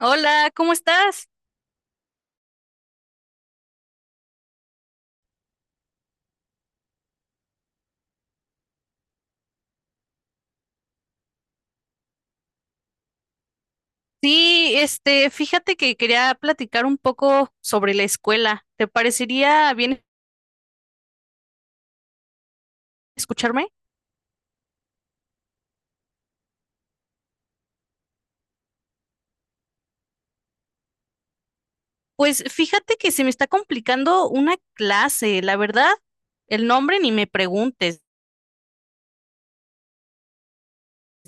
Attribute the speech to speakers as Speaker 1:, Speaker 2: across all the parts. Speaker 1: Hola, ¿cómo estás? Sí, fíjate que quería platicar un poco sobre la escuela. ¿Te parecería bien escucharme? Pues fíjate que se me está complicando una clase, la verdad, el nombre ni me preguntes,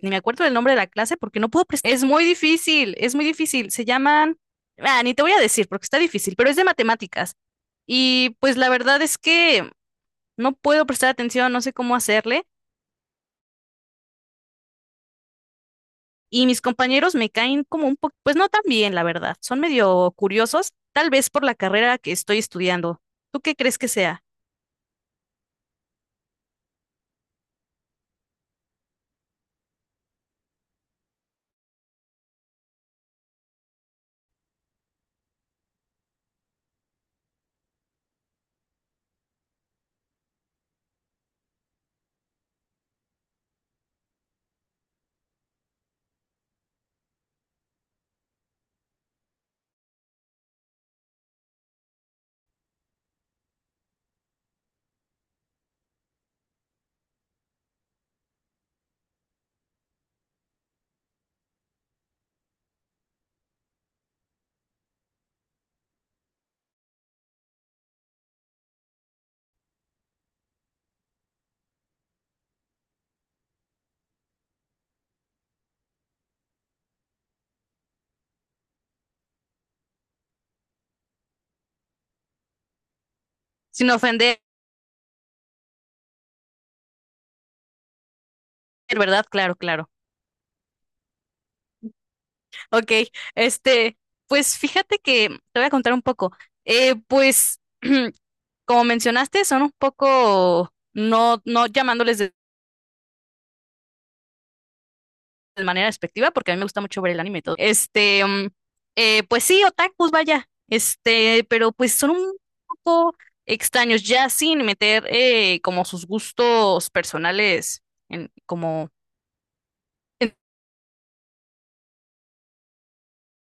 Speaker 1: ni me acuerdo del nombre de la clase porque no puedo prestar. Es muy difícil, es muy difícil. Se llaman, ni te voy a decir porque está difícil, pero es de matemáticas. Y pues la verdad es que no puedo prestar atención, no sé cómo hacerle. Y mis compañeros me caen como un poco, pues no tan bien, la verdad. Son medio curiosos, tal vez por la carrera que estoy estudiando. ¿Tú qué crees que sea? Sin ofender, ¿verdad? Claro, claro. Ok, este, pues fíjate que te voy a contar un poco. Pues, como mencionaste, son un poco, no, no llamándoles de manera despectiva, porque a mí me gusta mucho ver el anime y todo. Pues sí, otakus, vaya. Este, pero pues son un poco extraños, ya sin meter como sus gustos personales en, como en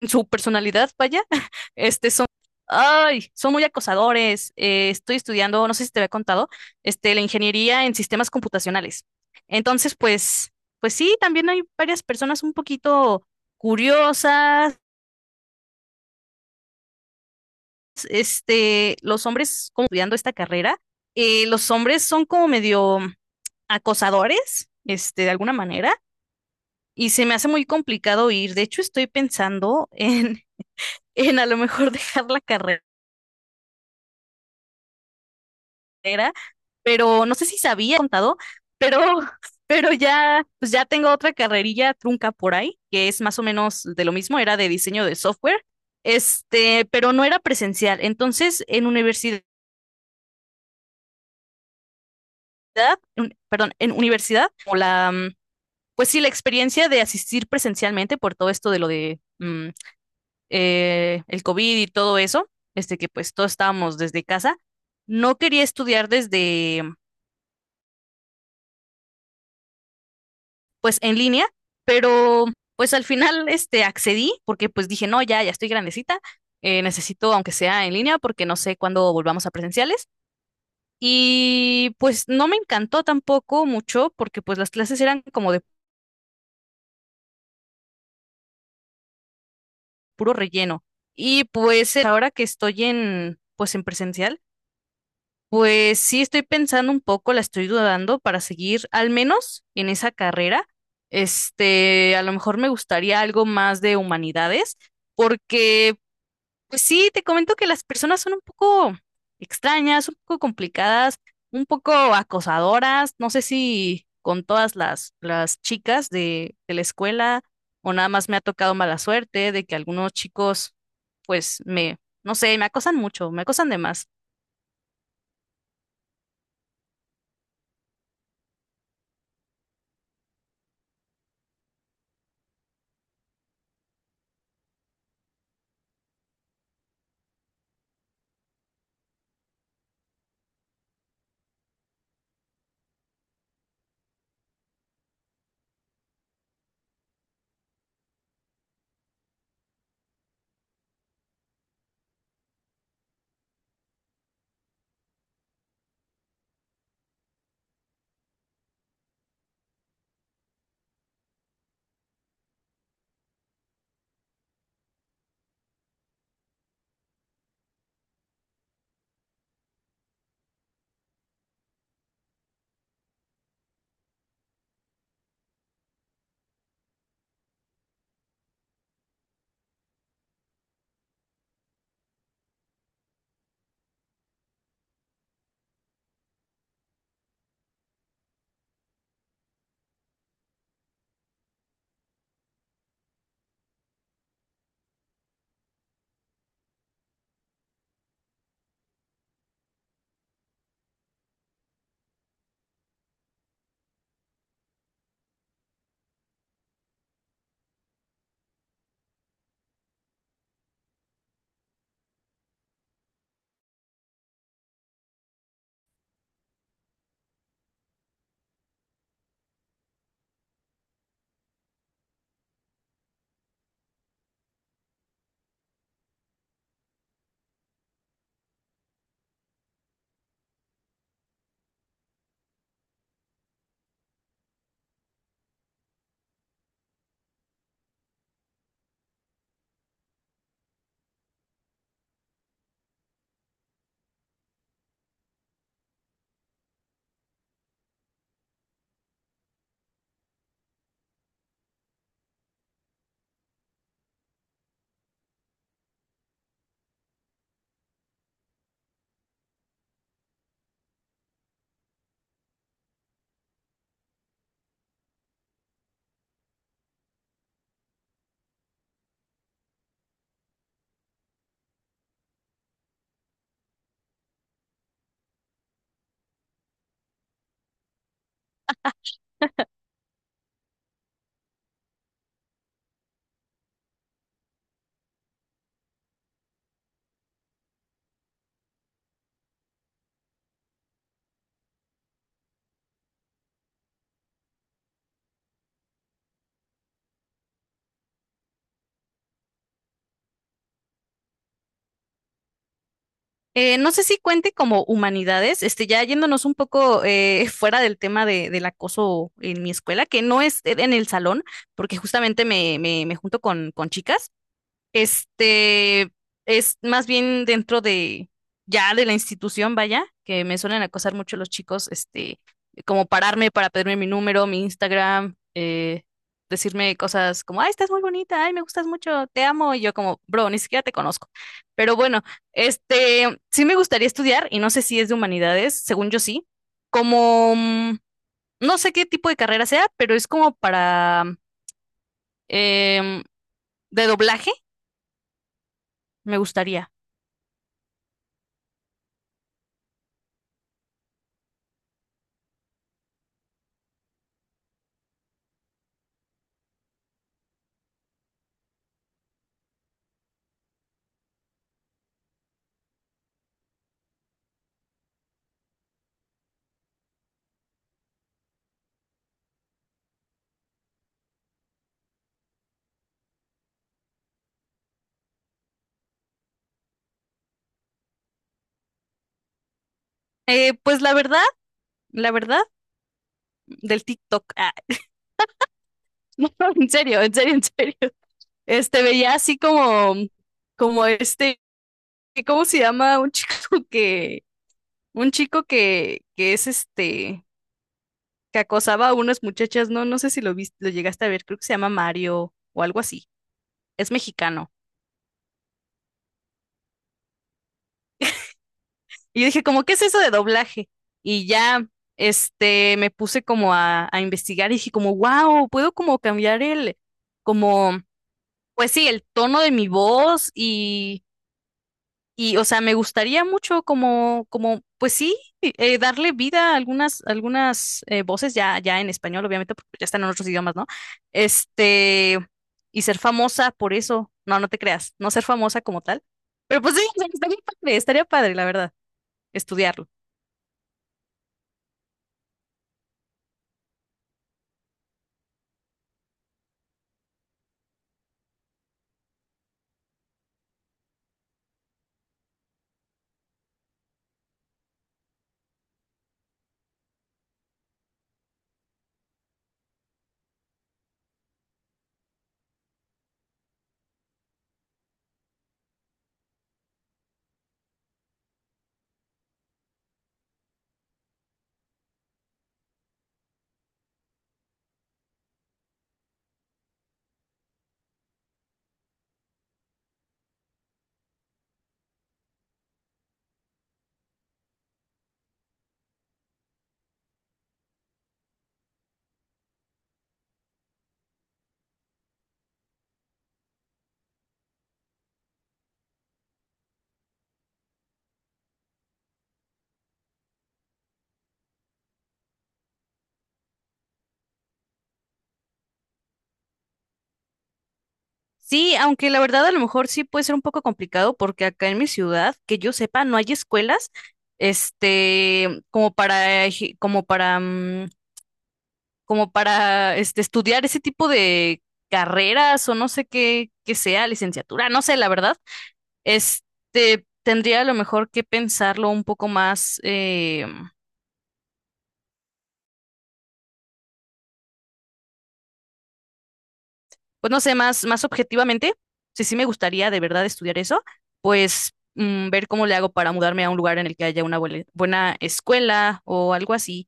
Speaker 1: en su personalidad, vaya. Este, son, ay, son muy acosadores. Estoy estudiando, no sé si te había contado, la ingeniería en sistemas computacionales. Entonces, pues, pues sí, también hay varias personas un poquito curiosas, los hombres como estudiando esta carrera, los hombres son como medio acosadores, de alguna manera, y se me hace muy complicado ir. De hecho, estoy pensando en, en a lo mejor dejar la carrera, pero no sé si sabía contado, pero, pero ya, pues ya tengo otra carrerilla trunca por ahí, que es más o menos de lo mismo, era de diseño de software, pero no era presencial. Entonces, en universidad, perdón, en universidad, como la pues sí, la experiencia de asistir presencialmente por todo esto de lo de el COVID y todo eso, este que pues todos estábamos desde casa, no quería estudiar desde pues en línea, pero pues al final accedí porque pues dije, no, ya, ya estoy grandecita, necesito aunque sea en línea porque no sé cuándo volvamos a presenciales. Y pues no me encantó tampoco mucho porque pues las clases eran como de puro relleno. Y pues ahora que estoy en pues en presencial, pues sí, estoy pensando un poco, la estoy dudando para seguir al menos en esa carrera. Este, a lo mejor me gustaría algo más de humanidades, porque, pues sí, te comento que las personas son un poco extrañas, un poco complicadas, un poco acosadoras. No sé si con todas las chicas de la escuela o nada más me ha tocado mala suerte de que algunos chicos, pues me, no sé, me acosan mucho, me acosan de más. No sé si cuente como humanidades, ya yéndonos un poco fuera del tema de, del acoso en mi escuela, que no es en el salón, porque justamente me junto con chicas. Este es más bien dentro de ya de la institución, vaya, que me suelen acosar mucho los chicos, como pararme para pedirme mi número, mi Instagram, decirme cosas como, ay, estás muy bonita, ay, me gustas mucho, te amo, y yo como, bro, ni siquiera te conozco. Pero bueno, sí me gustaría estudiar, y no sé si es de humanidades, según yo sí, como, no sé qué tipo de carrera sea, pero es como para, em, de doblaje, me gustaría. Pues la verdad, del TikTok. No, en serio, en serio, en serio. Este veía así como, como ¿cómo se llama? Un chico que, un chico que es que acosaba a unas muchachas, no, no sé si lo viste, lo llegaste a ver, creo que se llama Mario o algo así. Es mexicano. Y yo dije, como, ¿qué es eso de doblaje? Y ya, me puse como a investigar y dije como, wow, puedo como cambiar el, como pues sí, el tono de mi voz y o sea, me gustaría mucho como, como, pues sí, darle vida a algunas, algunas voces ya, ya en español, obviamente, porque ya están en otros idiomas, ¿no? Este, y ser famosa por eso. No, no te creas, no ser famosa como tal. Pero pues sí, o sea, estaría padre, la verdad, estudiarlo. Sí, aunque la verdad a lo mejor sí puede ser un poco complicado porque acá en mi ciudad, que yo sepa, no hay escuelas, como para, como para, como para estudiar ese tipo de carreras o no sé qué, qué sea, licenciatura, no sé, la verdad, tendría a lo mejor que pensarlo un poco más, pues no sé, más, más objetivamente, si sí me gustaría de verdad estudiar eso, pues ver cómo le hago para mudarme a un lugar en el que haya una buena, buena escuela o algo así.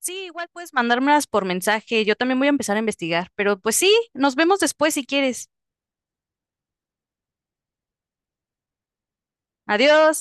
Speaker 1: Sí, igual puedes mandármelas por mensaje, yo también voy a empezar a investigar, pero pues sí, nos vemos después si quieres. Adiós.